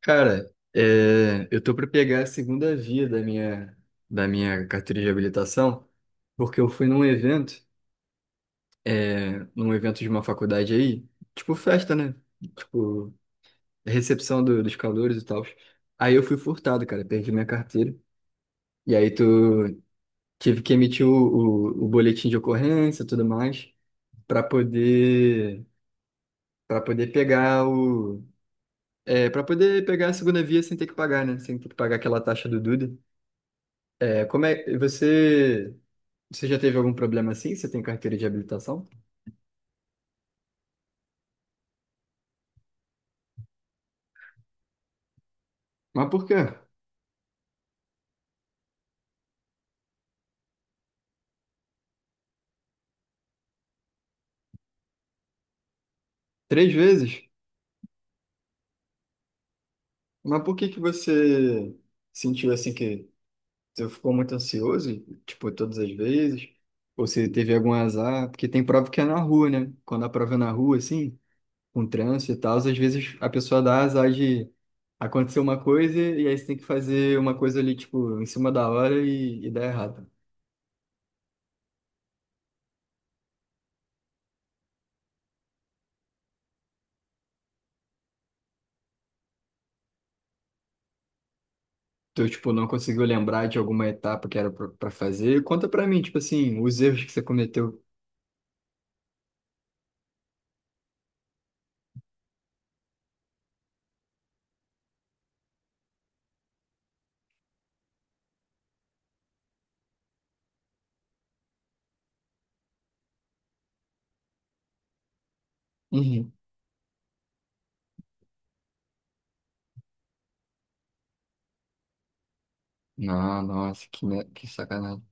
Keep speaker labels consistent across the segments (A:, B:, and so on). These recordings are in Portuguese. A: Cara, é, eu tô para pegar a segunda via da minha carteira de habilitação, porque eu fui num evento, é, num evento de uma faculdade aí, tipo festa, né? Tipo, recepção dos calouros e tal. Aí eu fui furtado, cara, perdi minha carteira. E aí tu tive que emitir o boletim de ocorrência e tudo mais, para poder, para poder pegar o, é, para poder pegar a segunda via sem ter que pagar, né? Sem ter que pagar aquela taxa do Duda. É, como é, e você já teve algum problema assim? Você tem carteira de habilitação? Mas por quê? Três vezes? Mas por que que você sentiu assim que você ficou muito ansioso, tipo, todas as vezes? Ou você teve algum azar? Porque tem prova que é na rua, né? Quando a prova é na rua, assim, com trânsito e tal, às vezes a pessoa dá azar de acontecer uma coisa e aí você tem que fazer uma coisa ali, tipo, em cima da hora e dá errado. Tu, tipo, não conseguiu lembrar de alguma etapa que era pra fazer? Conta pra mim, tipo assim, os erros que você cometeu. Uhum. Não, nossa, que sacanagem.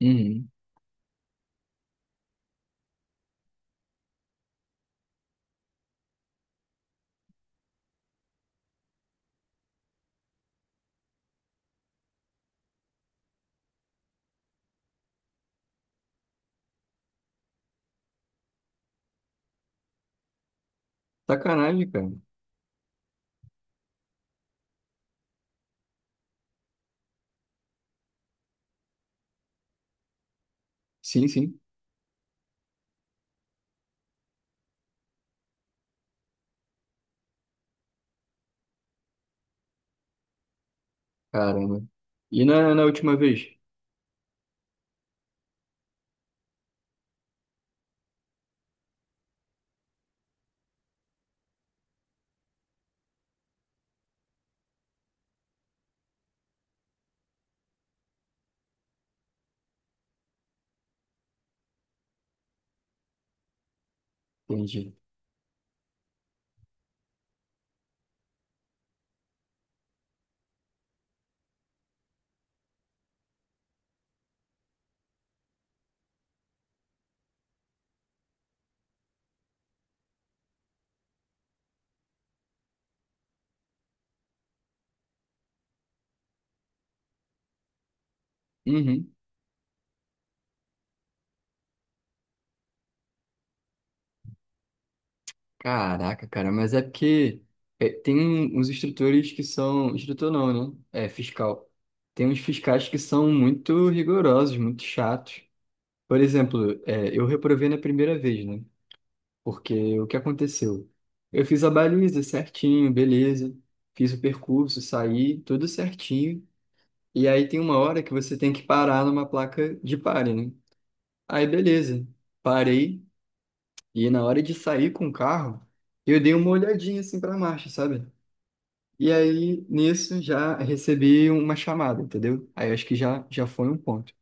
A: Uhum. Sacanagem, cara. Sim, sim. Caramba. E na, na última vez? Entendi. Uhum. Caraca, cara, mas é porque é, tem uns instrutores que são. Instrutor não, né? É, fiscal. Tem uns fiscais que são muito rigorosos, muito chatos. Por exemplo, é, eu reprovei na primeira vez, né? Porque o que aconteceu? Eu fiz a baliza certinho, beleza. Fiz o percurso, saí, tudo certinho. E aí tem uma hora que você tem que parar numa placa de pare, né? Aí beleza. Parei e na hora de sair com o carro, eu dei uma olhadinha assim pra marcha, sabe? E aí nisso já recebi uma chamada, entendeu? Aí acho que já foi um ponto.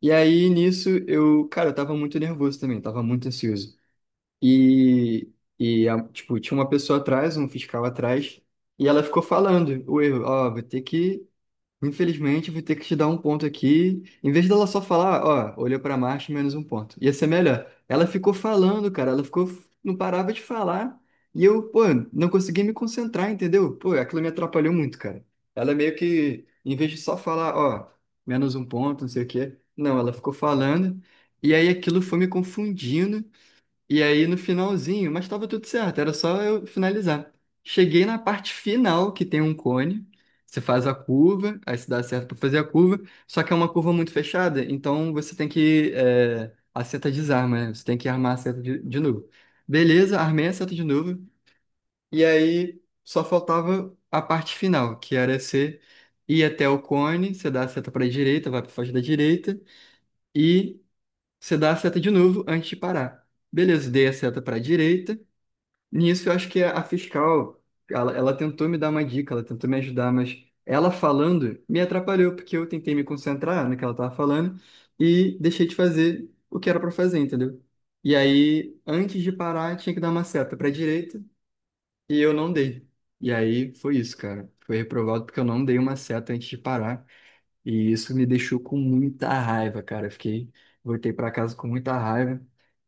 A: E aí nisso eu, cara, eu tava muito nervoso também, tava muito ansioso. E, tipo, tinha uma pessoa atrás, um fiscal atrás, e ela ficou falando o erro, ó, vou ter que, infelizmente, vou ter que te dar um ponto aqui. Em vez dela só falar, ó, olhou para marcha, menos um ponto. Ia ser melhor. Ela ficou falando, cara, ela ficou, não parava de falar, e eu, pô, não consegui me concentrar, entendeu? Pô, aquilo me atrapalhou muito, cara. Ela meio que, em vez de só falar, ó, menos um ponto, não sei o quê, não, ela ficou falando, e aí aquilo foi me confundindo. E aí no finalzinho, mas estava tudo certo, era só eu finalizar. Cheguei na parte final, que tem um cone, você faz a curva, aí se dá certo para fazer a curva, só que é uma curva muito fechada, então você tem que. É, a seta desarma, né? Você tem que armar a seta de novo. Beleza, armei a seta de novo, e aí só faltava a parte final, que era você ir até o cone, você dá a seta para a direita, vai para faixa da direita, e você dá a seta de novo antes de parar. Beleza, dei a seta para a direita. Nisso, eu acho que a fiscal, ela tentou me dar uma dica, ela tentou me ajudar, mas ela falando me atrapalhou, porque eu tentei me concentrar no que ela estava falando e deixei de fazer o que era para fazer, entendeu? E aí, antes de parar, tinha que dar uma seta para direita e eu não dei. E aí foi isso, cara. Foi reprovado porque eu não dei uma seta antes de parar. E isso me deixou com muita raiva, cara. Eu fiquei, voltei para casa com muita raiva.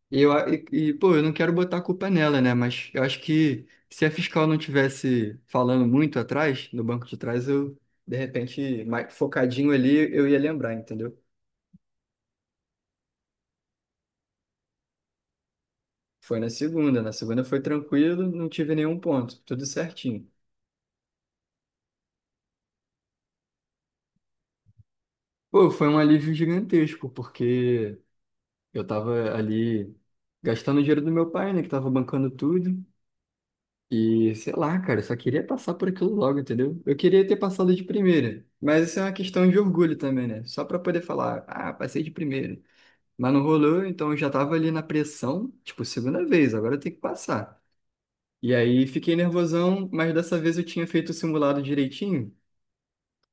A: E, eu, pô, eu não quero botar a culpa nela, né? Mas eu acho que se a fiscal não tivesse falando muito atrás, no banco de trás, eu, de repente, mais focadinho ali, eu ia lembrar, entendeu? Foi na segunda. Na segunda foi tranquilo, não tive nenhum ponto, tudo certinho. Pô, foi um alívio gigantesco, porque eu tava ali gastando o dinheiro do meu pai, né? Que tava bancando tudo. E sei lá, cara, eu só queria passar por aquilo logo, entendeu? Eu queria ter passado de primeira, mas isso é uma questão de orgulho também, né? Só pra poder falar, ah, passei de primeira. Mas não rolou, então eu já tava ali na pressão, tipo, segunda vez, agora eu tenho que passar. E aí fiquei nervosão, mas dessa vez eu tinha feito o simulado direitinho,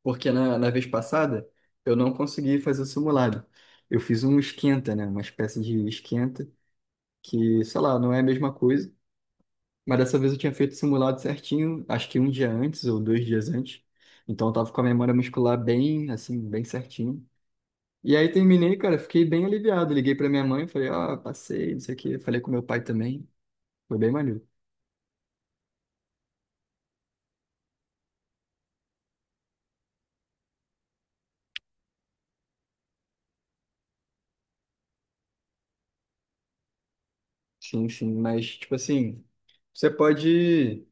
A: porque na vez passada eu não consegui fazer o simulado. Eu fiz um esquenta, né? Uma espécie de esquenta, que, sei lá, não é a mesma coisa. Mas dessa vez eu tinha feito o simulado certinho, acho que um dia antes ou dois dias antes. Então eu tava com a memória muscular bem, assim, bem certinho. E aí terminei, cara, fiquei bem aliviado. Liguei pra minha mãe, falei, ó, passei, não sei o quê. Falei com meu pai também. Foi bem maneiro. Sim, sim, mas, tipo assim, você pode.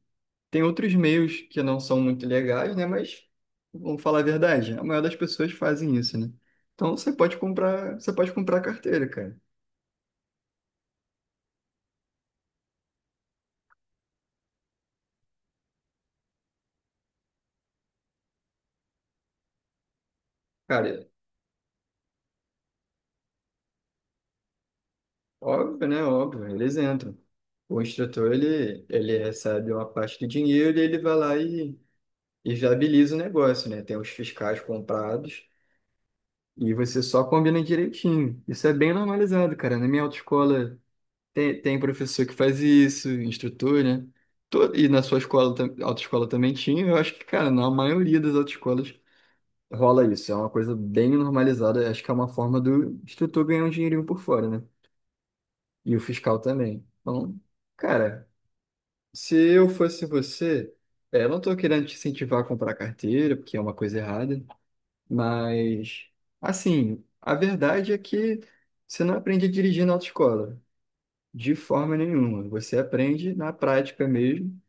A: Tem outros meios que não são muito legais, né? Mas, vamos falar a verdade, a maioria das pessoas fazem isso, né? Então você pode comprar carteira, cara. Cara, óbvio, né? Óbvio, eles entram. O instrutor, ele recebe uma parte do dinheiro e ele vai lá e viabiliza o negócio, né? Tem os fiscais comprados e você só combina direitinho. Isso é bem normalizado, cara. Na minha autoescola tem professor que faz isso, instrutor, né? Todo, e na sua escola, autoescola também tinha. Eu acho que, cara, na maioria das autoescolas rola isso. É uma coisa bem normalizada. Acho que é uma forma do instrutor ganhar um dinheirinho por fora, né? E o fiscal também. Então, cara. Se eu fosse você, é, eu não estou querendo te incentivar a comprar carteira, porque é uma coisa errada, mas, assim, a verdade é que você não aprende a dirigir na autoescola, de forma nenhuma. Você aprende na prática mesmo.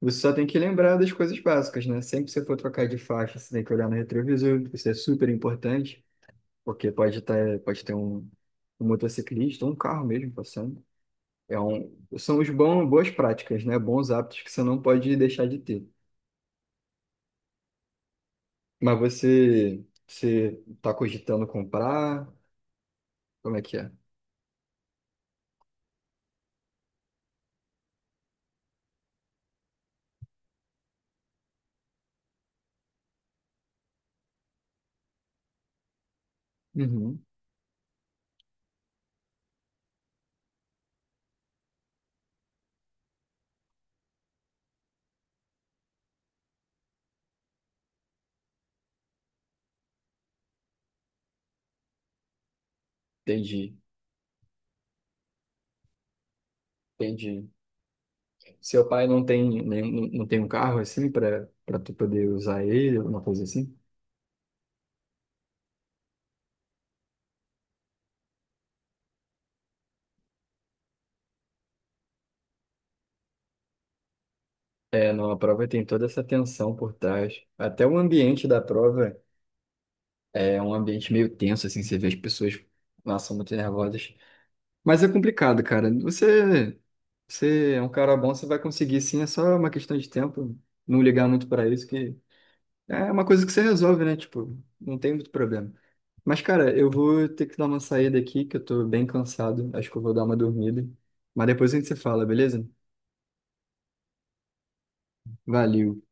A: Você só tem que lembrar das coisas básicas, né? Sempre que você for trocar de faixa, você tem que olhar no retrovisor, isso é super importante, porque pode ter um, um motociclista, ou um carro mesmo passando. É um, são os bons, boas práticas, né? Bons hábitos que você não pode deixar de ter. Mas você tá cogitando comprar? Como é que é? Uhum. Entendi, entendi. Seu pai não tem nenhum, não tem um carro assim para tu poder usar ele, alguma coisa assim? É, não, a prova tem toda essa tensão por trás. Até o ambiente da prova é um ambiente meio tenso, assim, você vê as pessoas, nossa, muito nervosas. Mas é complicado, cara. Você é um cara bom, você vai conseguir sim, é só uma questão de tempo. Não ligar muito para isso que é uma coisa que você resolve, né? Tipo, não tem muito problema. Mas, cara, eu vou ter que dar uma saída aqui, que eu tô bem cansado. Acho que eu vou dar uma dormida. Mas depois a gente se fala, beleza? Valeu.